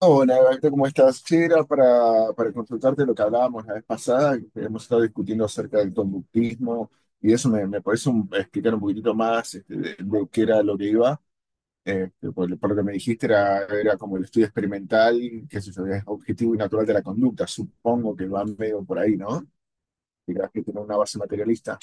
Hola, Gaito, ¿cómo estás? Sí, era para consultarte lo que hablábamos la vez pasada, que hemos estado discutiendo acerca del conductismo y eso me puedes explicar un poquitito más de qué era lo que iba. Por lo que me dijiste era, era como el estudio experimental, que es objetivo y natural de la conducta, supongo que va medio por ahí, ¿no? Dirás que tiene una base materialista.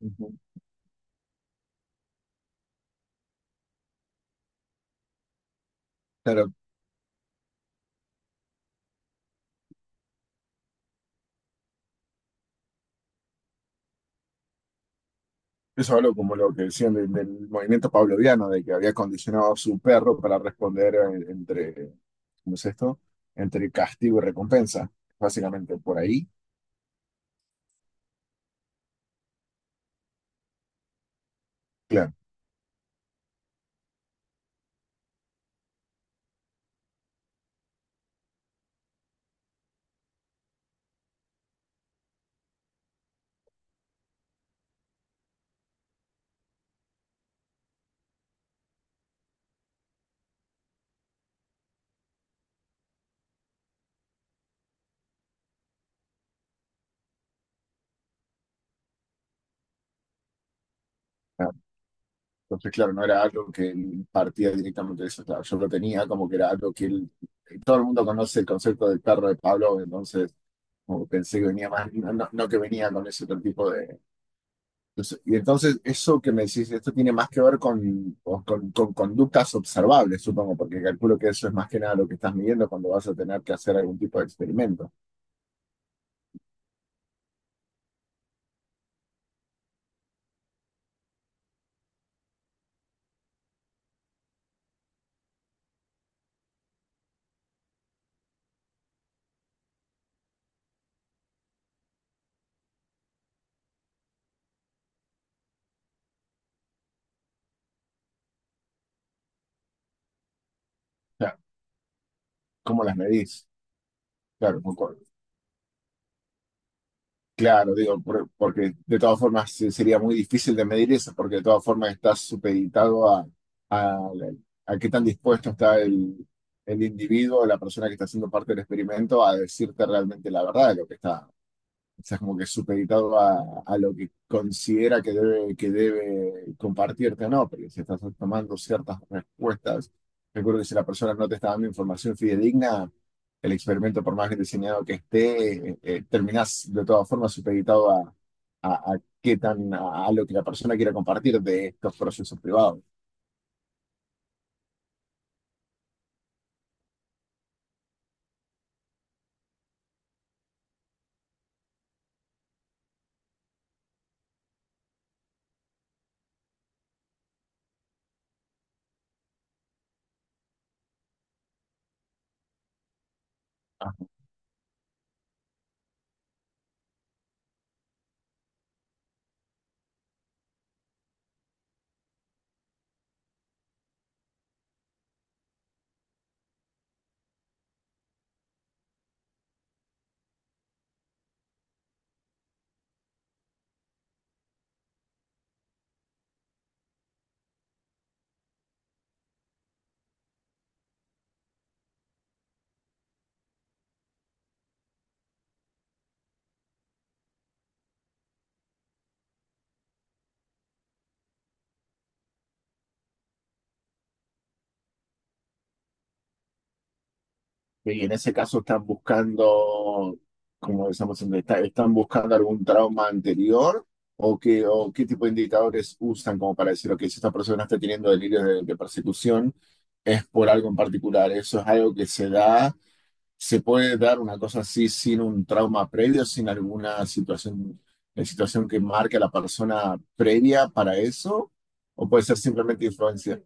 Ujú. Claro, eso hablo como lo que decían del movimiento pavloviano, de que había condicionado a su perro para responder entre ¿cómo es esto? Entre castigo y recompensa, básicamente por ahí. Claro, claro. Entonces, claro, no era algo que él partía directamente de eso, claro, yo lo tenía como que era algo que él, todo el mundo conoce el concepto del perro de Pablo, entonces como que pensé que venía más, no, no que venía con ese otro tipo de... entonces eso que me decís, esto tiene más que ver con, o con, con conductas observables, supongo, porque calculo que eso es más que nada lo que estás midiendo cuando vas a tener que hacer algún tipo de experimento. O sea, ¿cómo las medís? Claro, claro, digo, porque de todas formas sería muy difícil de medir eso, porque de todas formas estás supeditado a, a qué tan dispuesto está el individuo, la persona que está haciendo parte del experimento, a decirte realmente la verdad de lo que está, o sea, es como que es supeditado a lo que considera que debe compartirte o no, porque si estás tomando ciertas respuestas, recuerdo que si la persona no te está dando información fidedigna, el experimento, por más bien diseñado que esté, terminás de todas formas supeditado a qué tan, a lo que la persona quiera compartir de estos procesos privados. Y en ese caso están buscando, como decíamos antes, están buscando algún trauma anterior o qué tipo de indicadores usan como para decir, ok, si esta persona está teniendo delirios de persecución, es por algo en particular. Eso es algo que se da, se puede dar una cosa así sin un trauma previo, sin alguna situación, situación que marque a la persona previa para eso, o puede ser simplemente influencia.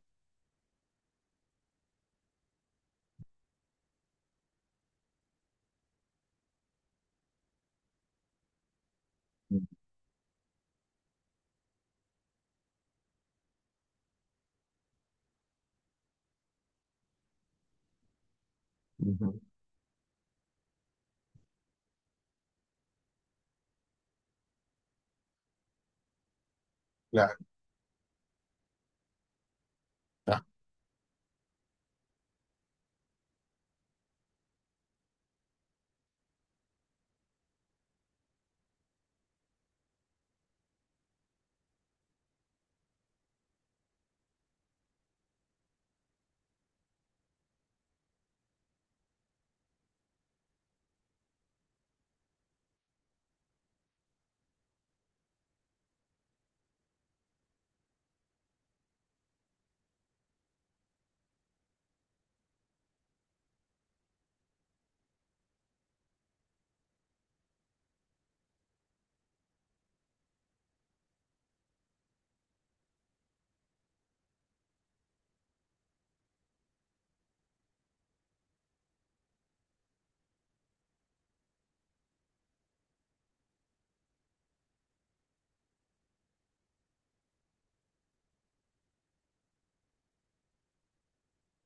Ujú, claro,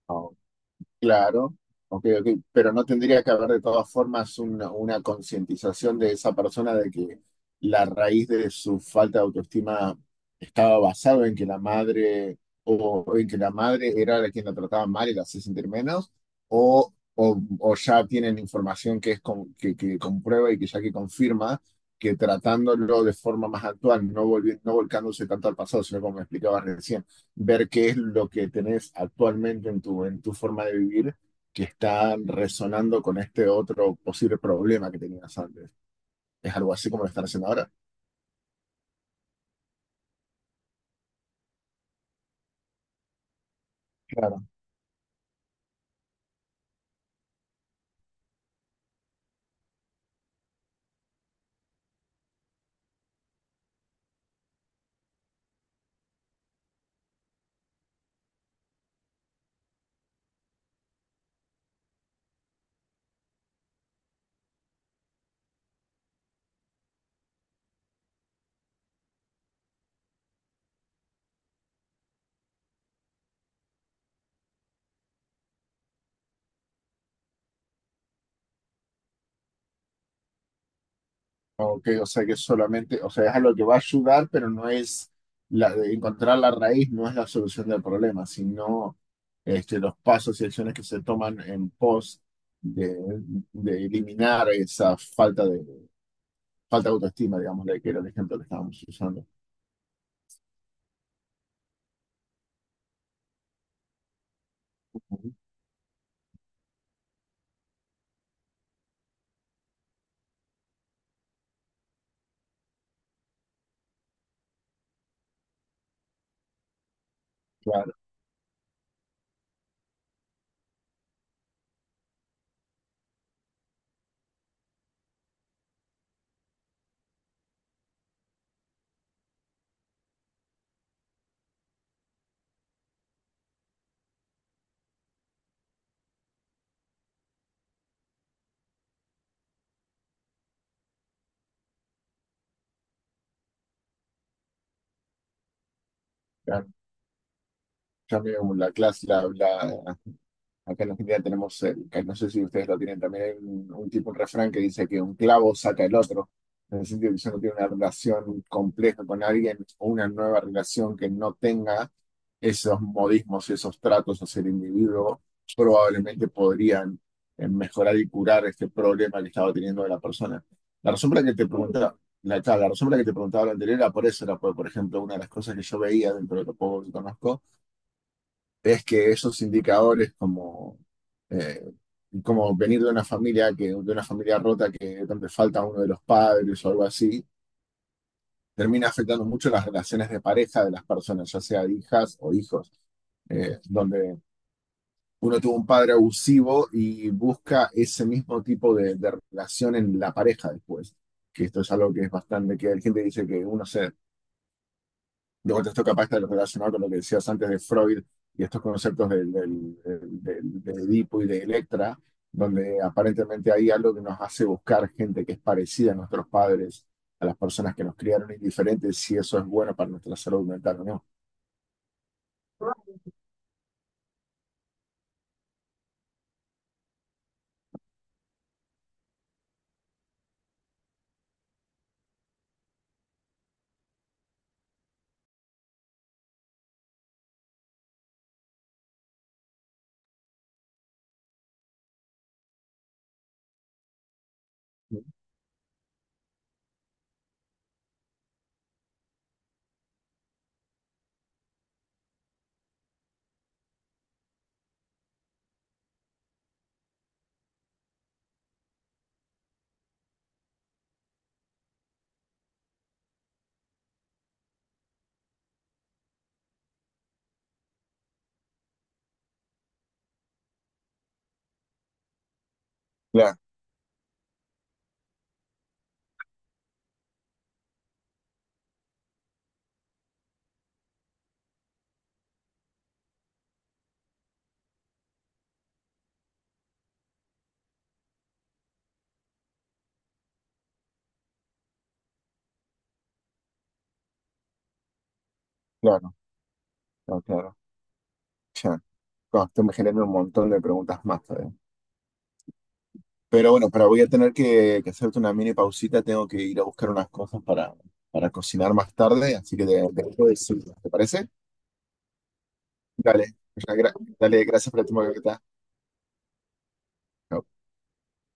está. Claro, ok, ok, pero no tendría que haber de todas formas una concientización de esa persona de que la raíz de su falta de autoestima estaba basado en que la madre o en que la madre era la quien la trataba mal y la hacía sentir menos, o ya tienen información que es que comprueba y que ya que confirma que tratándolo de forma más actual, no volcándose tanto al pasado, sino como me explicabas recién ver qué es lo que tenés actualmente en tu forma de vivir que está resonando con este otro posible problema que tenías antes. ¿Es algo así como lo están haciendo ahora? Claro. Ok, o sea que solamente, o sea, es algo que va a ayudar, pero no es la, encontrar la raíz, no es la solución del problema, sino este, los pasos y acciones que se toman en pos de, de eliminar esa falta de autoestima, digamos, de que era el ejemplo que estábamos usando. Ujú, claro, claro. Ya veo la clase, acá en Argentina tenemos, que no sé si ustedes lo tienen también, hay un tipo, un refrán que dice que un clavo saca el otro, en el sentido que si uno tiene una relación compleja con alguien o una nueva relación que no tenga esos modismos, y esos tratos hacia el individuo, probablemente podrían mejorar y curar este problema que estaba teniendo la persona. La razón por la que te preguntaba, la, claro, la razón por la que te preguntaba lo anterior era por eso, era por ejemplo, una de las cosas que yo veía dentro de lo poco que conozco es que esos indicadores como, eh, como venir de una familia que, de una familia rota que donde falta uno de los padres o algo así, termina afectando mucho las relaciones de pareja de las personas, ya sea de hijas o hijos, donde uno tuvo un padre abusivo y busca ese mismo tipo de relación en la pareja después. Que esto es algo que es bastante, que la gente dice que uno se de vuelta esto capaz está relacionado con lo que decías antes de Freud y estos conceptos de Edipo y de Electra, donde aparentemente hay algo que nos hace buscar gente que es parecida a nuestros padres, a las personas que nos criaron indiferentes, si eso es bueno para nuestra salud mental o no. Claro, claro, claro, claro. Ya. No, esto me genera un montón de preguntas más todavía. Pero bueno, pero voy a tener que hacerte una mini pausita, tengo que ir a buscar unas cosas para cocinar más tarde, así que te dejo de decir, ¿te parece? Dale, gra- dale, gracias por la tu Chao.